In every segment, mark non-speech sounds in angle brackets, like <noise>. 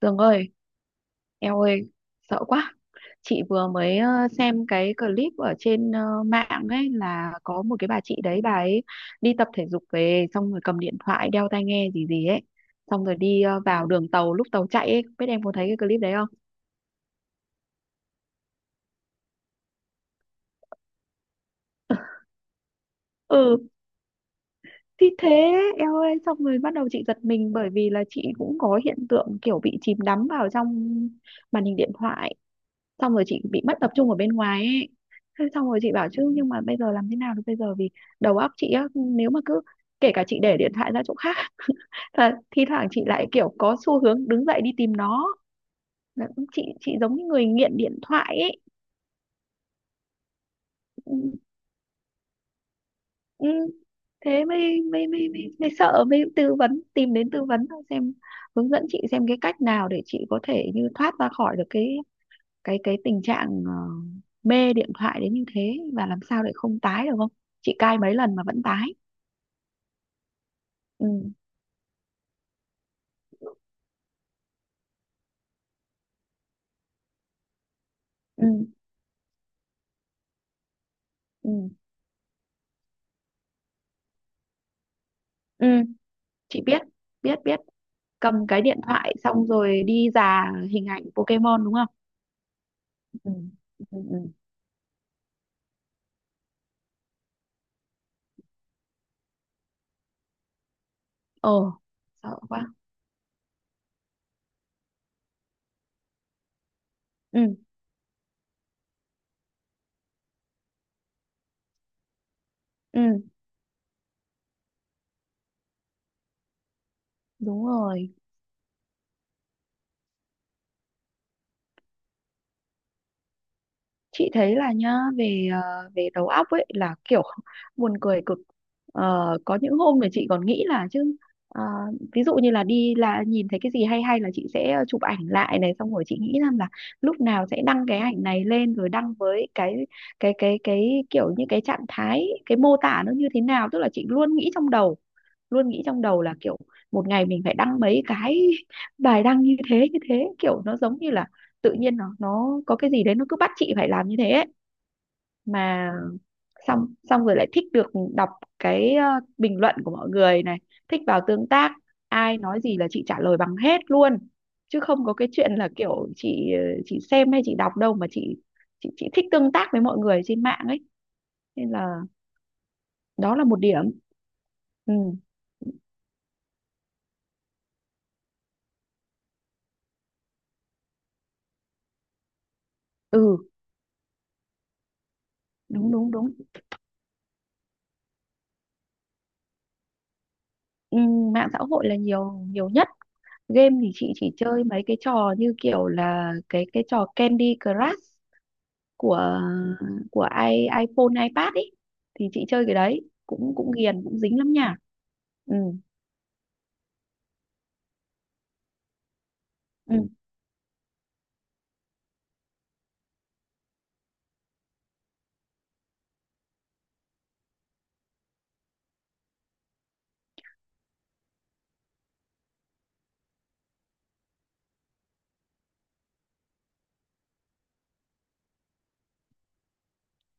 Tường ơi, eo ơi, sợ quá. Chị vừa mới xem cái clip ở trên mạng ấy là có một cái bà chị đấy bà ấy đi tập thể dục về xong rồi cầm điện thoại đeo tai nghe gì gì ấy. Xong rồi đi vào đường tàu lúc tàu chạy ấy, biết em có thấy cái clip đấy không? Ừ, thì thế. Eo ơi, xong rồi bắt đầu chị giật mình bởi vì là chị cũng có hiện tượng kiểu bị chìm đắm vào trong màn hình điện thoại, xong rồi chị bị mất tập trung ở bên ngoài ấy. Thế xong rồi chị bảo chứ nhưng mà bây giờ làm thế nào được bây giờ, vì đầu óc chị á nếu mà cứ kể cả chị để điện thoại ra chỗ khác <laughs> là thi thoảng chị lại kiểu có xu hướng đứng dậy đi tìm nó. Là chị giống như người nghiện điện thoại ấy. Ừ, ừ. Thế mới mới mới mới, mới sợ, mới tư vấn, tìm đến tư vấn xem, hướng dẫn chị xem cái cách nào để chị có thể như thoát ra khỏi được cái tình trạng mê điện thoại đến như thế và làm sao để không tái được không. Chị cai mấy lần mà vẫn tái. Ừ, ừ, ừ, ừ. Chị biết, biết, biết. Cầm cái điện thoại xong rồi đi dà hình ảnh Pokemon đúng không? Ừ, ừ, ừ, ừ. Ồ, sợ quá. Ừ, ừ, đúng rồi. Chị thấy là nhá, về về đầu óc ấy là kiểu <laughs> buồn cười cực. Ờ, có những hôm thì chị còn nghĩ là chứ ờ, ví dụ như là đi là nhìn thấy cái gì hay hay là chị sẽ chụp ảnh lại này, xong rồi chị nghĩ rằng là lúc nào sẽ đăng cái ảnh này lên rồi đăng với cái kiểu như cái trạng thái, cái mô tả nó như thế nào, tức là chị luôn nghĩ trong đầu, là kiểu một ngày mình phải đăng mấy cái <laughs> bài đăng như thế như thế, kiểu nó giống như là tự nhiên nó có cái gì đấy nó cứ bắt chị phải làm như thế ấy. Mà xong xong rồi lại thích được đọc cái bình luận của mọi người này, thích vào tương tác, ai nói gì là chị trả lời bằng hết luôn, chứ không có cái chuyện là kiểu chị chị xem hay chị đọc đâu mà chị thích tương tác với mọi người trên mạng ấy. Nên là đó là một điểm. Ừ, ừ, đúng, đúng, đúng. Ừ, mạng xã hội là nhiều nhiều nhất. Game thì chị chỉ chơi mấy cái trò như kiểu là cái trò Candy Crush của của i iPhone, iPad ấy, thì chị chơi cái đấy cũng cũng ghiền, cũng dính lắm nha. Ừ, ừ.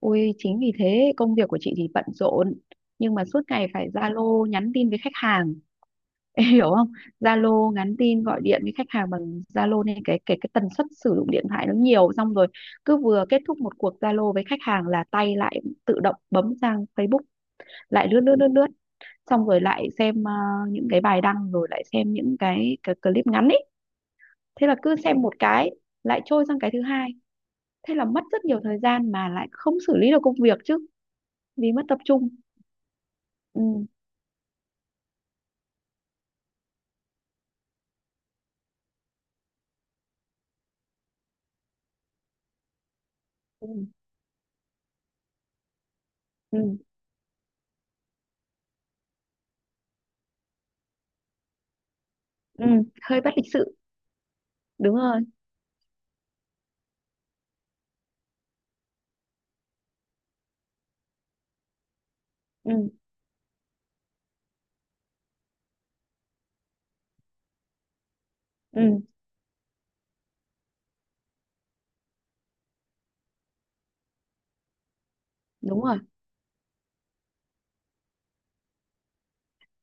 Ôi chính vì thế công việc của chị thì bận rộn nhưng mà suốt ngày phải Zalo nhắn tin với khách hàng. <laughs> Em hiểu không? Zalo nhắn tin gọi điện với khách hàng bằng Zalo nên cái tần suất sử dụng điện thoại nó nhiều. Xong rồi cứ vừa kết thúc một cuộc Zalo với khách hàng là tay lại tự động bấm sang Facebook, lại lướt lướt lướt lướt, xong rồi lại xem những cái bài đăng, rồi lại xem những cái clip ngắn ấy. Thế là cứ xem một cái lại trôi sang cái thứ hai. Thế là mất rất nhiều thời gian mà lại không xử lý được công việc, chứ vì mất tập trung. Ừ, ừ, ừ, ừ. Hơi bất lịch sự, đúng rồi. Ừ, ừ, đúng rồi.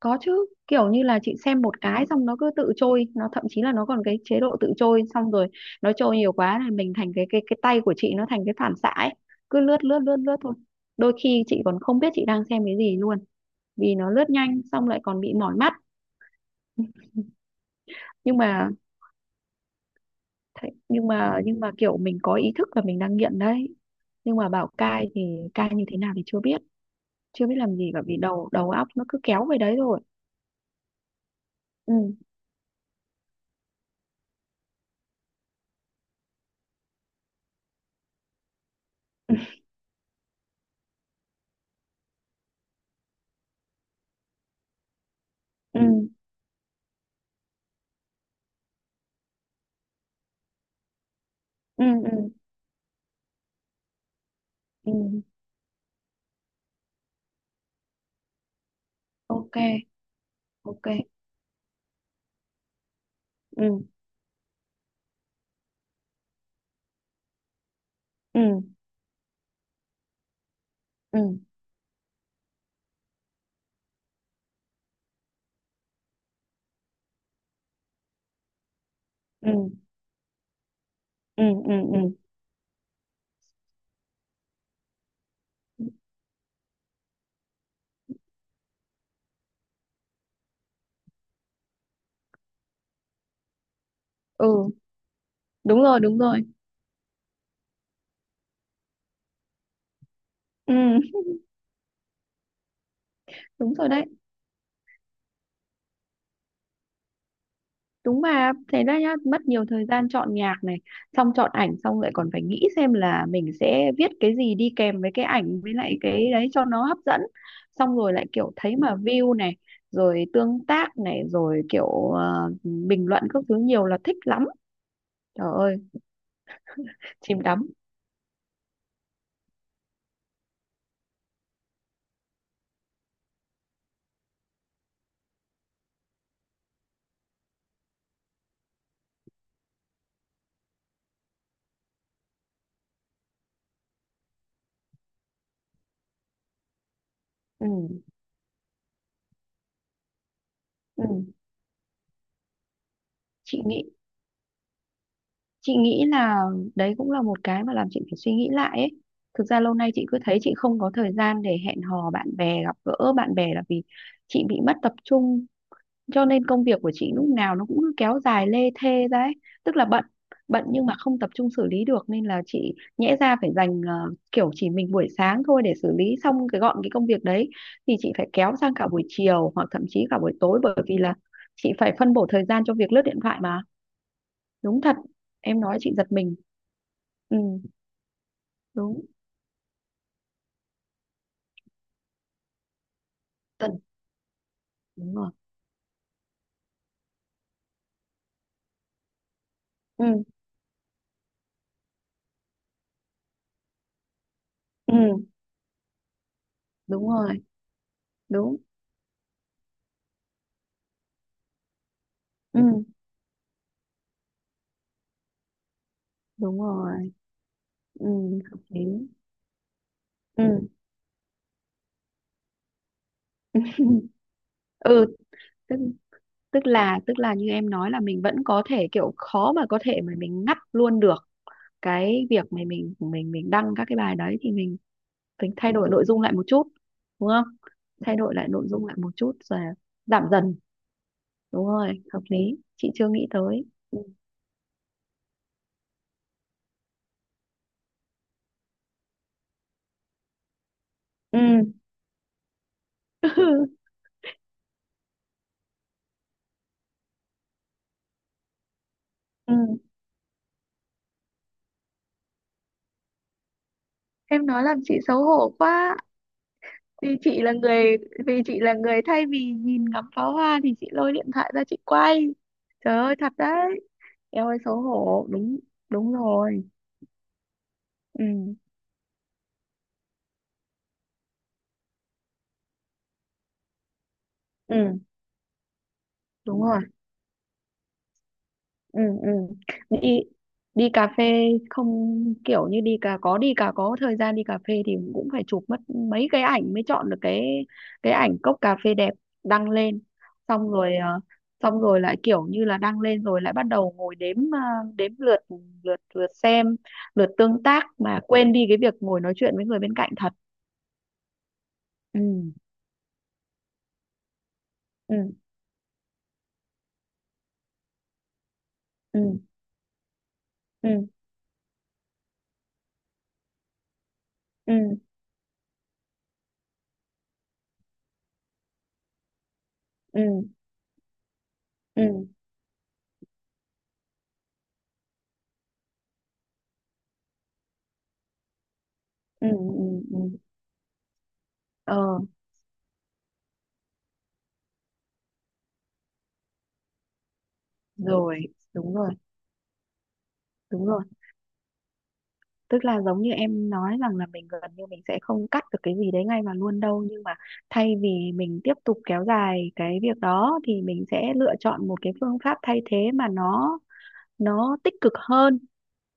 Có chứ, kiểu như là chị xem một cái xong nó cứ tự trôi, nó thậm chí là nó còn cái chế độ tự trôi, xong rồi nó trôi nhiều quá là mình thành cái tay của chị nó thành cái phản xạ ấy, cứ lướt lướt lướt lướt thôi. Đôi khi chị còn không biết chị đang xem cái gì luôn, vì nó lướt nhanh xong lại còn bị mỏi mắt. Nhưng mà nhưng mà kiểu mình có ý thức là mình đang nghiện đấy, nhưng mà bảo cai thì cai như thế nào thì chưa biết, chưa biết làm gì cả vì đầu đầu óc nó cứ kéo về đấy rồi. Ừ. <laughs> Ừ, ừ, ừ, ừ. Ok, ok. Ừ, ừ, ừ, ừ, ừ, ừ, ừ, ừ. Đúng rồi, đúng rồi. Ừ. <laughs> Đúng rồi đấy. Đúng mà thế đó nhá, mất nhiều thời gian chọn nhạc này, xong chọn ảnh, xong lại còn phải nghĩ xem là mình sẽ viết cái gì đi kèm với cái ảnh, với lại cái đấy cho nó hấp dẫn. Xong rồi lại kiểu thấy mà view này, rồi tương tác này, rồi kiểu bình luận các thứ nhiều là thích lắm. Trời ơi, chìm đắm. Ừ, ừ. chị nghĩ chị nghĩ là đấy cũng là một cái mà làm chị phải suy nghĩ lại ấy. Thực ra lâu nay chị cứ thấy chị không có thời gian để hẹn hò bạn bè, gặp gỡ bạn bè là vì chị bị mất tập trung, cho nên công việc của chị lúc nào nó cũng cứ kéo dài lê thê ra ấy. Tức là bận bận nhưng mà không tập trung xử lý được, nên là chị nhẽ ra phải dành kiểu chỉ mình buổi sáng thôi để xử lý xong cái gọn cái công việc đấy, thì chị phải kéo sang cả buổi chiều hoặc thậm chí cả buổi tối, bởi vì là chị phải phân bổ thời gian cho việc lướt điện thoại mà. Đúng thật, em nói chị giật mình. Ừ, đúng. Tần Đúng rồi. Ừ, ừ, đúng rồi, đúng. Ừ, đúng rồi. Ừ, hợp lý. Ừ. <laughs> Ừ. Tức tức là như em nói là mình vẫn có thể kiểu khó mà có thể mà mình ngắt luôn được cái việc mà mình đăng các cái bài đấy, thì mình thay đổi nội dung lại một chút, đúng không? Thay đổi lại nội dung lại một chút rồi giảm dần. Đúng rồi, hợp lý. Chị chưa nghĩ tới. Ừ, ừ. <laughs> Ừ. Em nói làm chị xấu hổ quá. vì chị là người Vì chị là người thay vì nhìn ngắm pháo hoa thì chị lôi điện thoại ra chị quay. Trời ơi, thật đấy. Em ơi xấu hổ, đúng, đúng rồi. Ừ, ừ, đúng rồi. Ừ, ừ. đi Đi cà phê không? Kiểu như đi cà có thời gian đi cà phê thì cũng phải chụp mất mấy cái ảnh mới chọn được cái ảnh cốc cà phê đẹp đăng lên. Xong rồi xong rồi lại kiểu như là đăng lên rồi lại bắt đầu ngồi đếm, đếm lượt, lượt lượt xem, lượt tương tác, mà quên đi cái việc ngồi nói chuyện với người bên cạnh thật. Ừ, ừ, ừ, ừ, ừ, ừ, ừ, ừ, ừ, ừ, ừ. ờ Rồi, đúng rồi, đúng rồi. Tức là giống như em nói rằng là mình gần như mình sẽ không cắt được cái gì đấy ngay mà luôn đâu, nhưng mà thay vì mình tiếp tục kéo dài cái việc đó thì mình sẽ lựa chọn một cái phương pháp thay thế mà nó tích cực hơn.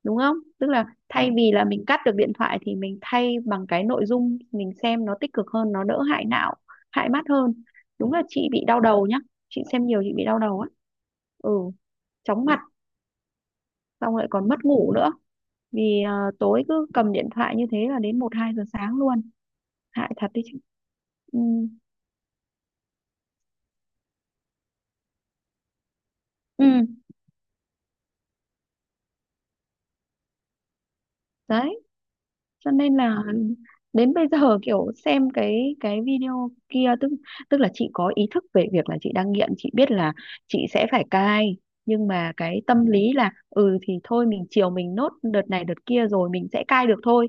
Đúng không, tức là thay vì là mình cắt được điện thoại thì mình thay bằng cái nội dung mình xem nó tích cực hơn, nó đỡ hại não, hại mắt hơn. Đúng là chị bị đau đầu nhá, chị xem nhiều chị bị đau đầu á. Ừ, chóng mặt, xong lại còn mất ngủ nữa vì tối cứ cầm điện thoại như thế là đến 1-2 giờ sáng luôn. Hại thật đấy chứ. Ừ. Ừ đấy, cho nên là đến bây giờ kiểu xem cái video kia, tức tức là chị có ý thức về việc là chị đang nghiện, chị biết là chị sẽ phải cai. Nhưng mà cái tâm lý là ừ thì thôi, mình chiều mình nốt đợt này đợt kia rồi mình sẽ cai được thôi.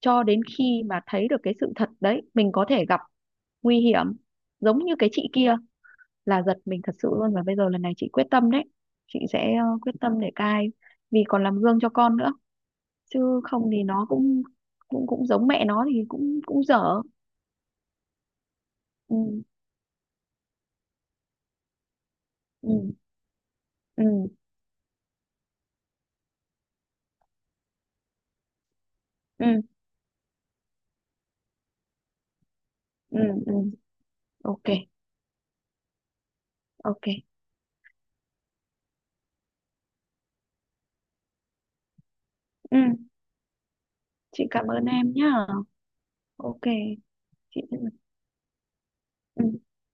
Cho đến khi mà thấy được cái sự thật đấy mình có thể gặp nguy hiểm giống như cái chị kia, là giật mình thật sự luôn. Và bây giờ lần này chị quyết tâm đấy, chị sẽ quyết tâm để cai vì còn làm gương cho con nữa, chứ không thì nó cũng cũng cũng giống mẹ nó thì cũng cũng dở. Ừ, ừ, ừ, ừ, ừ, ừ. Ok, ok. Ừ, chị cảm ơn em nhá. Ok chị. Ừ.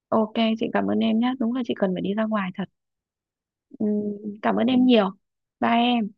Ok, chị cảm ơn em nhá, đúng là chị cần phải đi ra ngoài thật. Ừ. Cảm ơn em nhiều. Bye em.